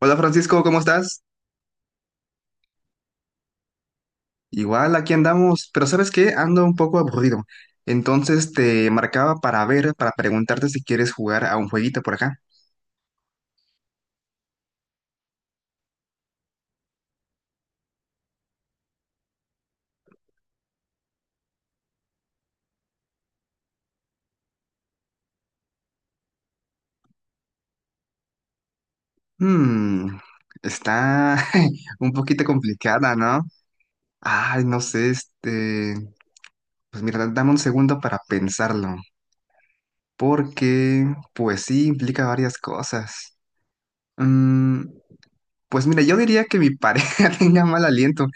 Hola Francisco, ¿cómo estás? Igual, aquí andamos, pero ¿sabes qué? Ando un poco aburrido. Entonces te marcaba para ver, para preguntarte si quieres jugar a un jueguito por acá. Hmm, está un poquito complicada, ¿no? Ay, no sé. Pues mira, dame un segundo para pensarlo, porque pues sí, implica varias cosas. Mm, Pues mira, yo diría que mi pareja tenga mal aliento.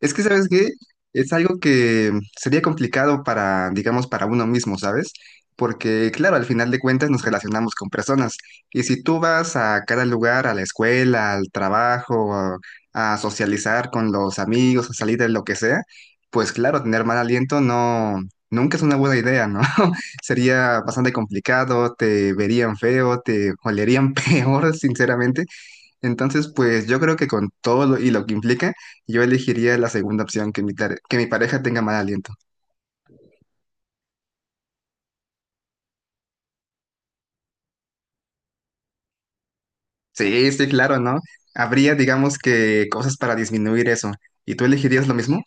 Es que, ¿sabes qué? Es algo que sería complicado para, digamos, para uno mismo, ¿sabes? Porque, claro, al final de cuentas nos relacionamos con personas. Y si tú vas a cada lugar, a la escuela, al trabajo, a socializar con los amigos, a salir de lo que sea, pues claro, tener mal aliento no, nunca es una buena idea, ¿no? Sería bastante complicado, te verían feo, te olerían peor, sinceramente. Entonces, pues yo creo que con todo lo, y lo que implica, yo elegiría la segunda opción, que mi pareja tenga mal aliento. Sí, sí, claro, ¿no? Habría, digamos que, cosas para disminuir eso. ¿Y tú elegirías lo mismo?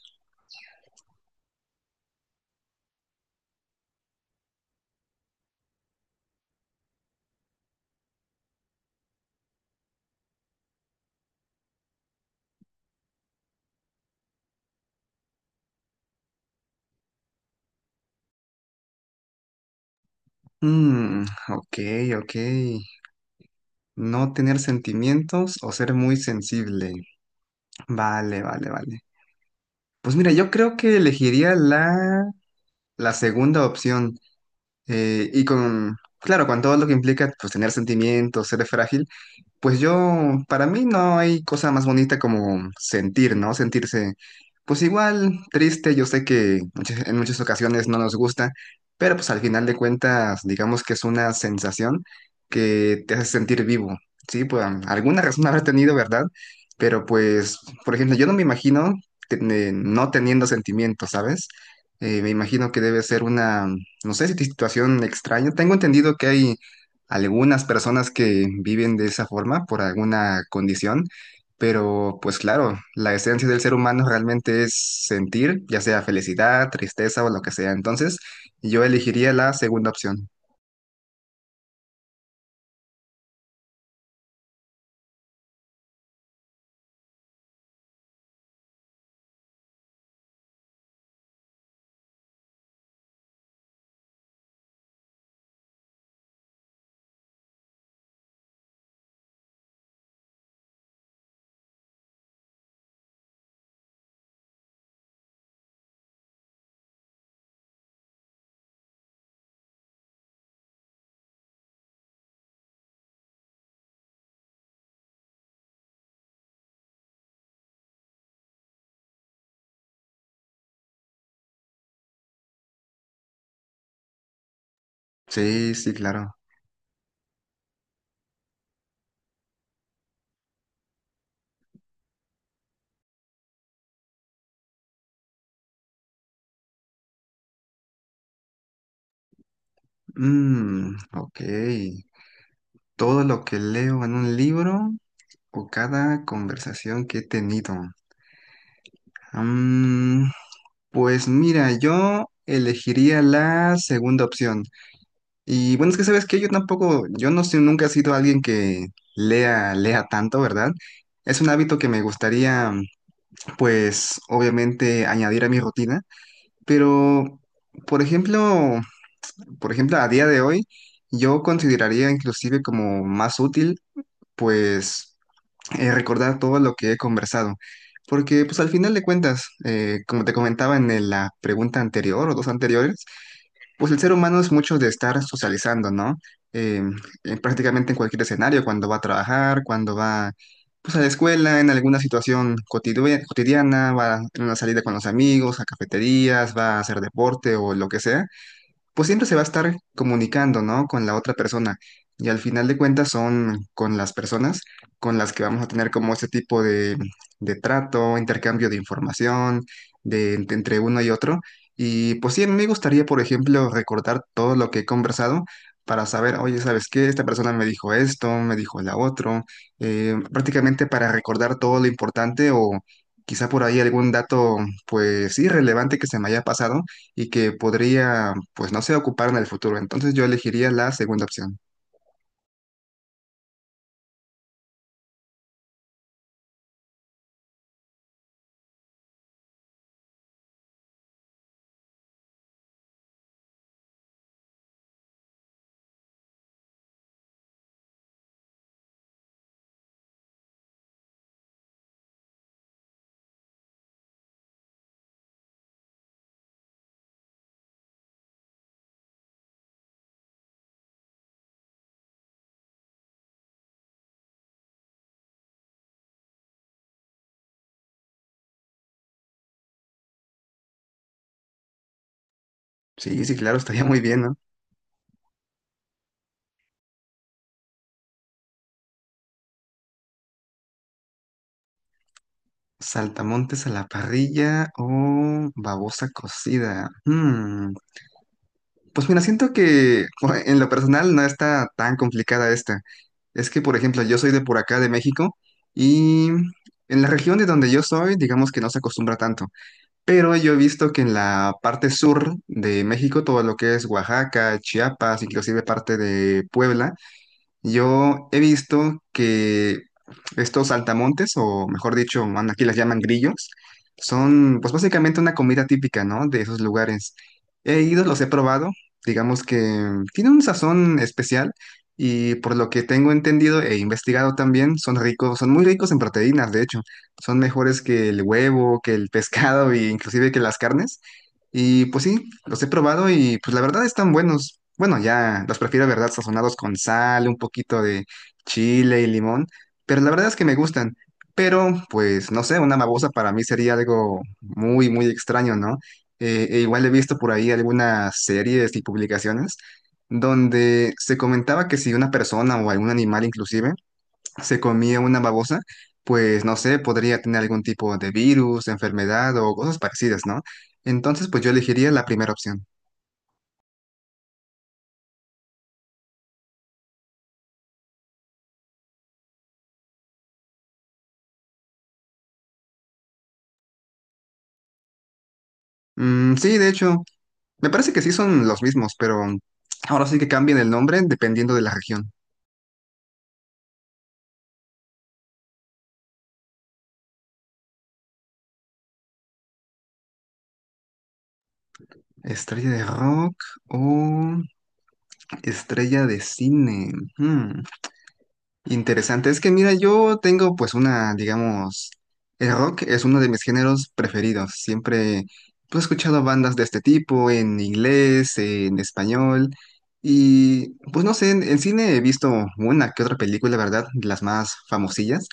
Mm, ok, ok. No tener sentimientos o ser muy sensible. Vale, vale, vale. Pues mira, yo creo que elegiría la segunda opción. Y con, claro, con todo lo que implica, pues tener sentimientos, ser frágil. Pues yo, para mí no hay cosa más bonita como sentir, ¿no? Sentirse, pues igual, triste. Yo sé que en muchas ocasiones no nos gusta, pero pues al final de cuentas, digamos que es una sensación que te hace sentir vivo, ¿sí? Pues alguna razón habrá tenido, ¿verdad? Pero pues, por ejemplo, yo no me imagino te- no teniendo sentimientos, ¿sabes? Me imagino que debe ser una, no sé, si situación extraña. Tengo entendido que hay algunas personas que viven de esa forma por alguna condición, pero pues claro, la esencia del ser humano realmente es sentir, ya sea felicidad, tristeza o lo que sea. Entonces, yo elegiría la segunda opción. Sí, sí, claro. Mm, ok. Todo lo que leo en un libro o cada conversación que he tenido. Mm, pues mira, yo elegiría la segunda opción. Y bueno, es que sabes que yo tampoco, yo no sé, nunca he sido alguien que lea tanto, ¿verdad? Es un hábito que me gustaría, pues, obviamente añadir a mi rutina, pero, por ejemplo, por ejemplo, a día de hoy, yo consideraría inclusive como más útil, pues, recordar todo lo que he conversado. Porque, pues, al final de cuentas, como te comentaba en la pregunta anterior o dos anteriores, pues el ser humano es mucho de estar socializando, ¿no? Eh, Prácticamente en cualquier escenario, cuando va a trabajar, cuando va pues, a la escuela, en alguna situación cotidiana, va en una salida con los amigos, a cafeterías, va a hacer deporte o lo que sea, pues siempre se va a estar comunicando, ¿no? Con la otra persona. Y al final de cuentas son con las personas con las que vamos a tener como ese tipo de trato, intercambio de información, entre uno y otro. Y pues sí, a mí me gustaría, por ejemplo, recordar todo lo que he conversado para saber, oye, ¿sabes qué? Esta persona me dijo esto, me dijo la otro, prácticamente para recordar todo lo importante o quizá por ahí algún dato, pues sí, relevante que se me haya pasado y que podría, pues no sé, ocupar en el futuro. Entonces yo elegiría la segunda opción. Sí, sí, claro, estaría muy bien, ¿no? Saltamontes a la parrilla o babosa cocida. Pues mira, siento que bueno, en lo personal no está tan complicada esta. Es que, por ejemplo, yo soy de por acá, de México, y en la región de donde yo soy, digamos que no se acostumbra tanto. Pero yo he visto que en la parte sur de México, todo lo que es Oaxaca, Chiapas, inclusive parte de Puebla, yo he visto que estos saltamontes, o mejor dicho, bueno, aquí las llaman grillos, son pues básicamente una comida típica, ¿no? De esos lugares. He ido, los he probado, digamos que tiene un sazón especial y por lo que tengo entendido e investigado también, son ricos, son muy ricos en proteínas, de hecho, son mejores que el huevo, que el pescado e inclusive que las carnes. Y pues sí, los he probado y pues la verdad están buenos. Bueno, ya los prefiero, ¿verdad? Sazonados con sal, un poquito de chile y limón, pero la verdad es que me gustan. Pero pues no sé, una babosa para mí sería algo muy, muy extraño, ¿no? E igual he visto por ahí algunas series y publicaciones donde se comentaba que si una persona o algún animal inclusive se comía una babosa, pues no sé, podría tener algún tipo de virus, enfermedad o cosas parecidas, ¿no? Entonces, pues yo elegiría la primera opción. Mm, sí, de hecho, me parece que sí son los mismos, pero ahora sí que cambian el nombre dependiendo de la región. Estrella de rock o estrella de cine. Hmm. Interesante. Es que mira, yo tengo pues una, digamos, el rock es uno de mis géneros preferidos. Siempre pues, he escuchado bandas de este tipo en inglés, en español y pues no sé, en cine he visto una que otra película, ¿verdad?, de las más famosillas,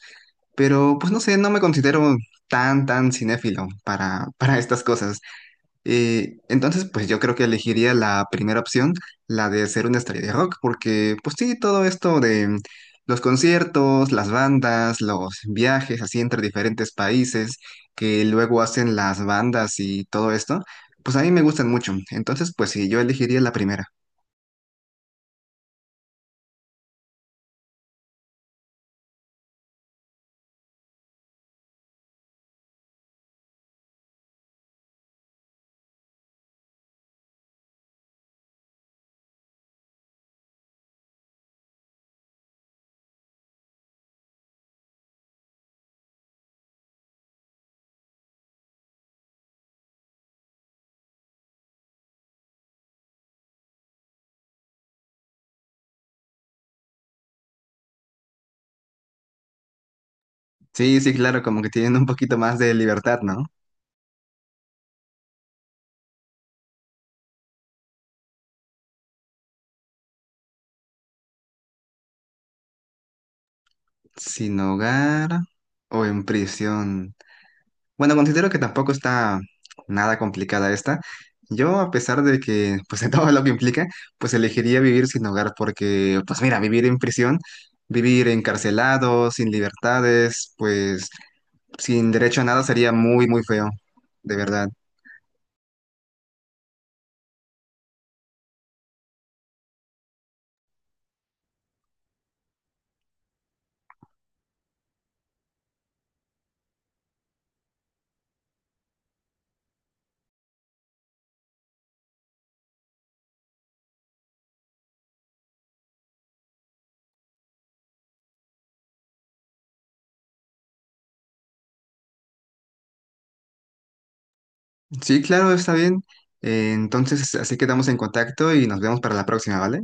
pero pues no sé, no me considero tan, tan cinéfilo para, para estas cosas. Entonces, pues yo creo que elegiría la primera opción, la de ser una estrella de rock, porque pues sí, todo esto de los conciertos, las bandas, los viajes así entre diferentes países que luego hacen las bandas y todo esto, pues a mí me gustan mucho. Entonces, pues sí, yo elegiría la primera. Sí, sí, claro, como que tienen un poquito más de libertad, ¿no? Sin hogar o en prisión. Bueno, considero que tampoco está nada complicada esta. Yo, a pesar de que, pues de todo lo que implica, pues elegiría vivir sin hogar porque, pues mira, vivir en prisión, vivir encarcelado, sin libertades, pues sin derecho a nada sería muy, muy feo, de verdad. Sí, claro, está bien. Entonces, así quedamos en contacto y nos vemos para la próxima, ¿vale?